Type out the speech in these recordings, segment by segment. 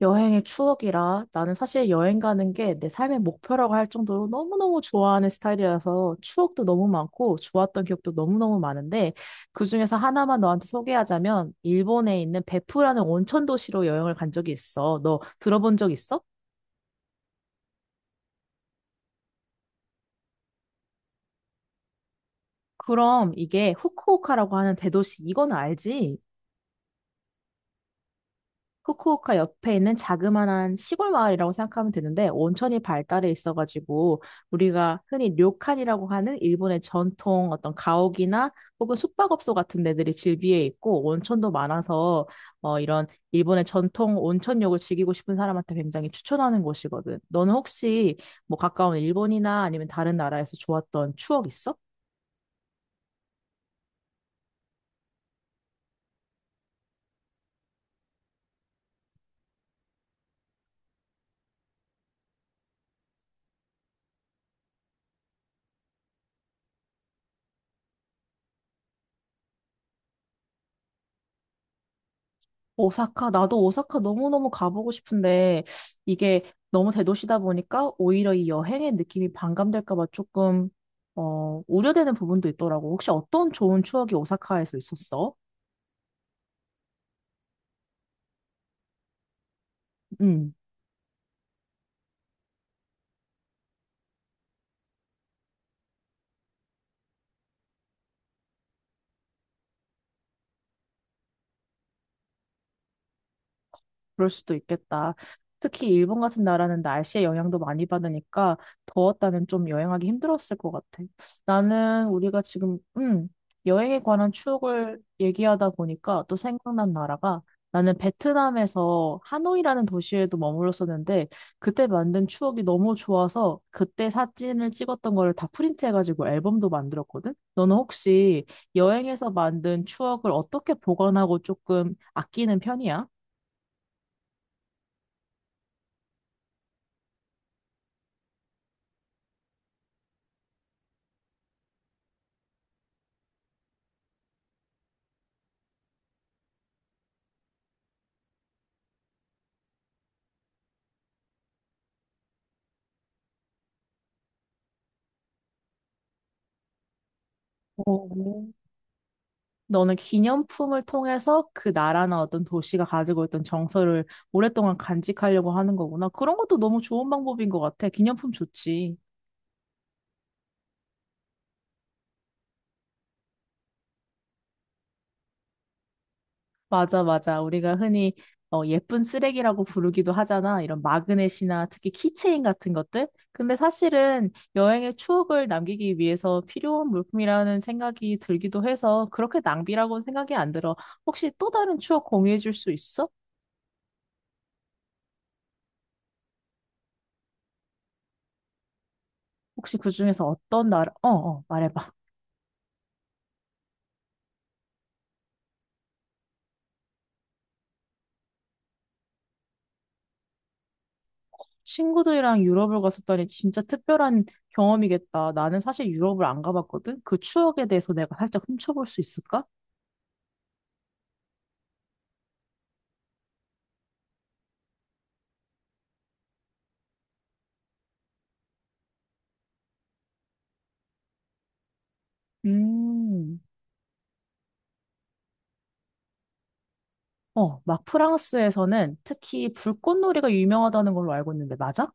여행의 추억이라 나는 사실 여행 가는 게 내 삶의 목표라고 할 정도로 너무너무 좋아하는 스타일이라서 추억도 너무 많고 좋았던 기억도 너무너무 많은데 그중에서 하나만 너한테 소개하자면 일본에 있는 베푸라는 온천 도시로 여행을 간 적이 있어. 너 들어본 적 있어? 그럼 이게 후쿠오카라고 하는 대도시 이건 알지? 후쿠오카 옆에 있는 자그마한 시골 마을이라고 생각하면 되는데 온천이 발달해 있어가지고 우리가 흔히 료칸이라고 하는 일본의 전통 어떤 가옥이나 혹은 숙박업소 같은 데들이 즐비해 있고 온천도 많아서 이런 일본의 전통 온천욕을 즐기고 싶은 사람한테 굉장히 추천하는 곳이거든. 너는 혹시 뭐 가까운 일본이나 아니면 다른 나라에서 좋았던 추억 있어? 오사카, 나도 오사카 너무너무 가보고 싶은데 이게 너무 대도시다 보니까 오히려 이 여행의 느낌이 반감될까 봐 우려되는 부분도 있더라고. 혹시 어떤 좋은 추억이 오사카에서 있었어? 음. 그럴 수도 있겠다. 특히 일본 같은 나라는 날씨의 영향도 많이 받으니까 더웠다면 좀 여행하기 힘들었을 것 같아. 나는 우리가 지금, 음, 여행에 관한 추억을 얘기하다 보니까 또 생각난 나라가 나는 베트남에서 하노이라는 도시에도 머물렀었는데 그때 만든 추억이 너무 좋아서 그때 사진을 찍었던 거를 다 프린트해가지고 앨범도 만들었거든? 너는 혹시 여행에서 만든 추억을 어떻게 보관하고 조금 아끼는 편이야? 오. 너는 기념품을 통해서 그 나라나 어떤 도시가 가지고 있던 정서를 오랫동안 간직하려고 하는 거구나. 그런 것도 너무 좋은 방법인 것 같아. 기념품 좋지. 맞아, 맞아. 우리가 흔히 예쁜 쓰레기라고 부르기도 하잖아. 이런 마그넷이나 특히 키체인 같은 것들. 근데 사실은 여행의 추억을 남기기 위해서 필요한 물품이라는 생각이 들기도 해서 그렇게 낭비라고는 생각이 안 들어. 혹시 또 다른 추억 공유해 줄 수 있어? 혹시 그 중에서 어떤 나라, 어, 어, 말해봐. 친구들이랑 유럽을 갔었다니 진짜 특별한 경험이겠다. 나는 사실 유럽을 안 가봤거든? 그 추억에 대해서 내가 살짝 훔쳐볼 수 있을까? 음. 어, 막 프랑스에서는 특히 불꽃놀이가 유명하다는 걸로 알고 있는데, 맞아?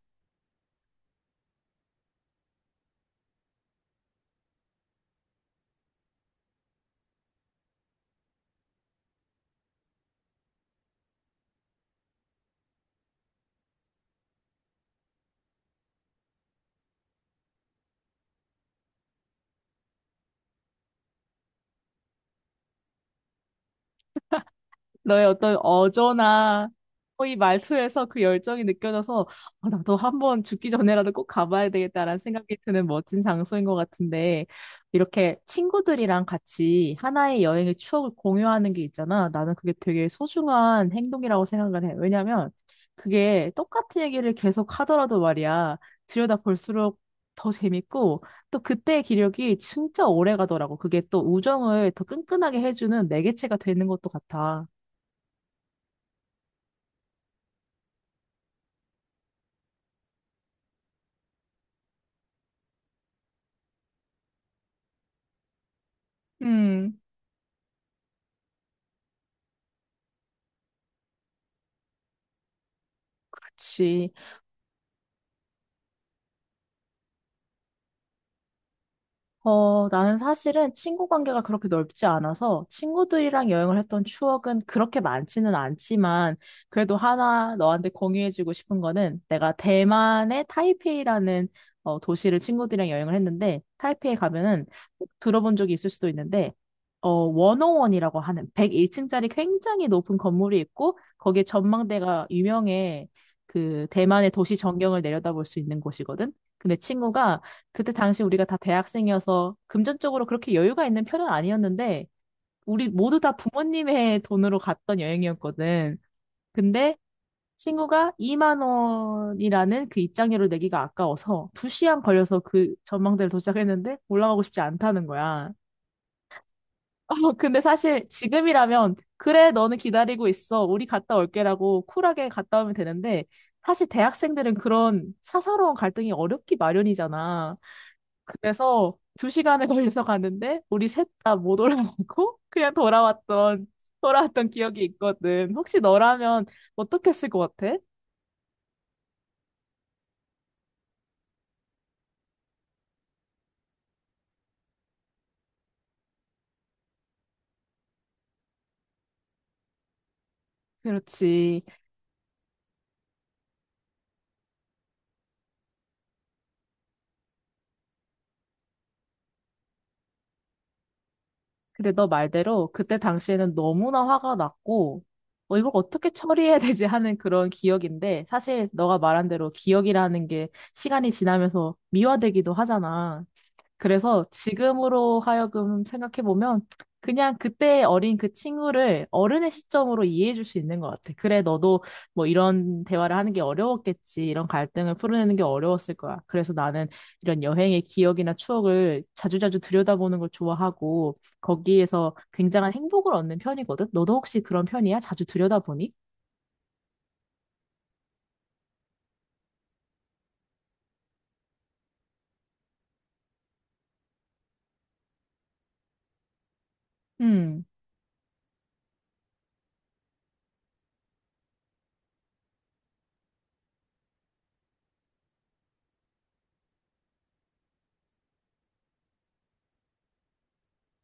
너의 어떤 어조나 이 말투에서 그 열정이 느껴져서 아, 나도 한 번 죽기 전에라도 꼭 가봐야 되겠다라는 생각이 드는 멋진 장소인 것 같은데 이렇게 친구들이랑 같이 하나의 여행의 추억을 공유하는 게 있잖아. 나는 그게 되게 소중한 행동이라고 생각을 해. 왜냐면 그게 똑같은 얘기를 계속 하더라도 말이야. 들여다 볼수록 더 재밌고 또 그때의 기력이 진짜 오래 가더라고. 그게 또 우정을 더 끈끈하게 해주는 매개체가 되는 것도 같아. 음, 그치. 어, 나는 사실은 친구 관계가 그렇게 넓지 않아서 친구들이랑 여행을 했던 추억은 그렇게 많지는 않지만 그래도 하나 너한테 공유해주고 싶은 거는 내가 대만의 타이페이라는 도시를 친구들이랑 여행을 했는데 타이페이 가면은 꼭 들어본 적이 있을 수도 있는데 원오원이라고 하는 101층짜리 굉장히 높은 건물이 있고 거기에 전망대가 유명해. 그 대만의 도시 전경을 내려다볼 수 있는 곳이거든. 근데 친구가 그때 당시 우리가 다 대학생이어서 금전적으로 그렇게 여유가 있는 편은 아니었는데, 우리 모두 다 부모님의 돈으로 갔던 여행이었거든. 근데 친구가 2만 원이라는 그 입장료를 내기가 아까워서 2시간 걸려서 그 전망대를 도착했는데 올라가고 싶지 않다는 거야. 근데 사실 지금이라면 그래, 너는 기다리고 있어. 우리 갔다 올게라고 쿨하게 갔다 오면 되는데 사실 대학생들은 그런 사사로운 갈등이 어렵기 마련이잖아. 그래서 두 시간에 걸려서 갔는데 우리 셋 다 못 올라가고 그냥 돌아왔던 기억이 있거든. 혹시 너라면 어떻게 했을 것 같아? 그렇지. 근데 너 말대로 그때 당시에는 너무나 화가 났고 이걸 어떻게 처리해야 되지 하는 그런 기억인데 사실 너가 말한 대로 기억이라는 게 시간이 지나면서 미화되기도 하잖아. 그래서 지금으로 하여금 생각해보면 그냥 그때 어린 그 친구를 어른의 시점으로 이해해줄 수 있는 것 같아. 그래, 너도 뭐 이런 대화를 하는 게 어려웠겠지. 이런 갈등을 풀어내는 게 어려웠을 거야. 그래서 나는 이런 여행의 기억이나 추억을 자주자주 들여다보는 걸 좋아하고 거기에서 굉장한 행복을 얻는 편이거든. 너도 혹시 그런 편이야? 자주 들여다보니? 음.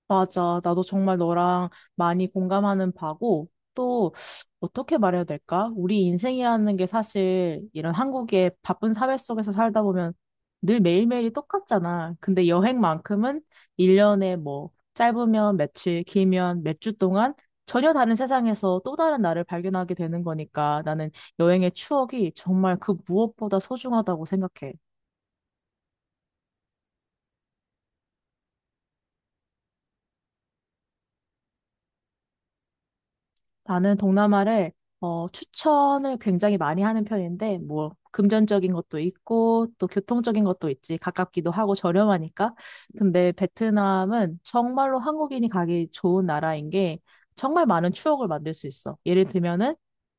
맞아. 나도 정말 너랑 많이 공감하는 바고, 또, 어떻게 말해야 될까? 우리 인생이라는 게 사실 이런 한국의 바쁜 사회 속에서 살다 보면 늘 매일매일이 똑같잖아. 근데 여행만큼은 1년에 뭐, 짧으면 며칠, 길면 몇 주 동안 전혀 다른 세상에서 또 다른 나를 발견하게 되는 거니까 나는 여행의 추억이 정말 그 무엇보다 소중하다고 생각해. 나는 동남아를 추천을 굉장히 많이 하는 편인데, 뭐, 금전적인 것도 있고, 또 교통적인 것도 있지. 가깝기도 하고 저렴하니까. 근데 베트남은 정말로 한국인이 가기 좋은 나라인 게, 정말 많은 추억을 만들 수 있어. 예를 들면은,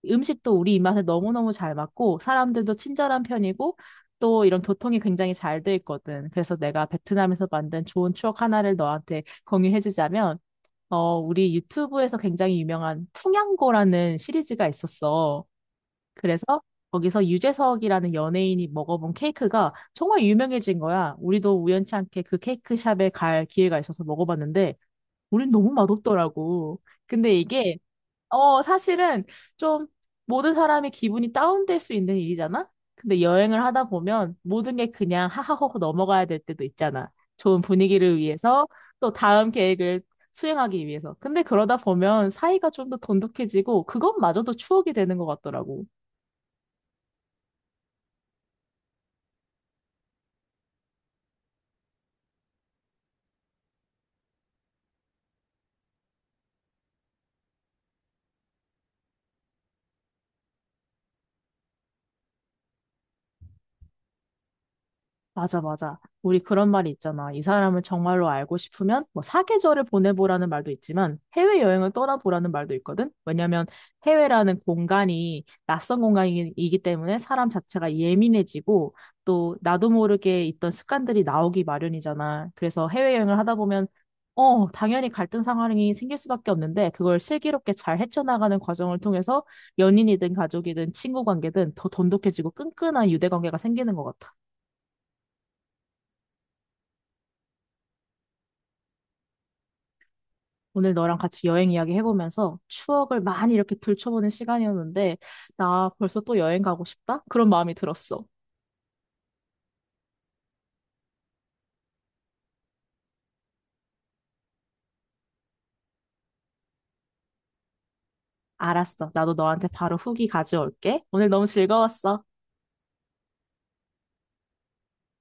음식도 우리 입맛에 너무너무 잘 맞고, 사람들도 친절한 편이고, 또 이런 교통이 굉장히 잘 돼 있거든. 그래서 내가 베트남에서 만든 좋은 추억 하나를 너한테 공유해주자면, 우리 유튜브에서 굉장히 유명한 풍양고라는 시리즈가 있었어. 그래서 거기서 유재석이라는 연예인이 먹어본 케이크가 정말 유명해진 거야. 우리도 우연치 않게 그 케이크 샵에 갈 기회가 있어서 먹어봤는데, 우린 너무 맛없더라고. 근데 이게 사실은 좀 모든 사람이 기분이 다운될 수 있는 일이잖아? 근데 여행을 하다 보면 모든 게 그냥 하하호호 넘어가야 될 때도 있잖아. 좋은 분위기를 위해서 또 다음 계획을 수행하기 위해서. 근데 그러다 보면 사이가 좀 더 돈독해지고 그것마저도 추억이 되는 것 같더라고. 맞아, 맞아. 우리 그런 말이 있잖아. 이 사람을 정말로 알고 싶으면 뭐 사계절을 보내보라는 말도 있지만 해외여행을 떠나보라는 말도 있거든. 왜냐면 해외라는 공간이 낯선 공간이기 때문에 사람 자체가 예민해지고 또 나도 모르게 있던 습관들이 나오기 마련이잖아. 그래서 해외여행을 하다 보면 당연히 갈등 상황이 생길 수밖에 없는데 그걸 슬기롭게 잘 헤쳐나가는 과정을 통해서 연인이든 가족이든 친구 관계든 더 돈독해지고 끈끈한 유대 관계가 생기는 것 같아. 오늘 너랑 같이 여행 이야기 해보면서 추억을 많이 이렇게 들춰보는 시간이었는데, 나 벌써 또 여행 가고 싶다? 그런 마음이 들었어. 알았어. 나도 너한테 바로 후기 가져올게. 오늘 너무 즐거웠어.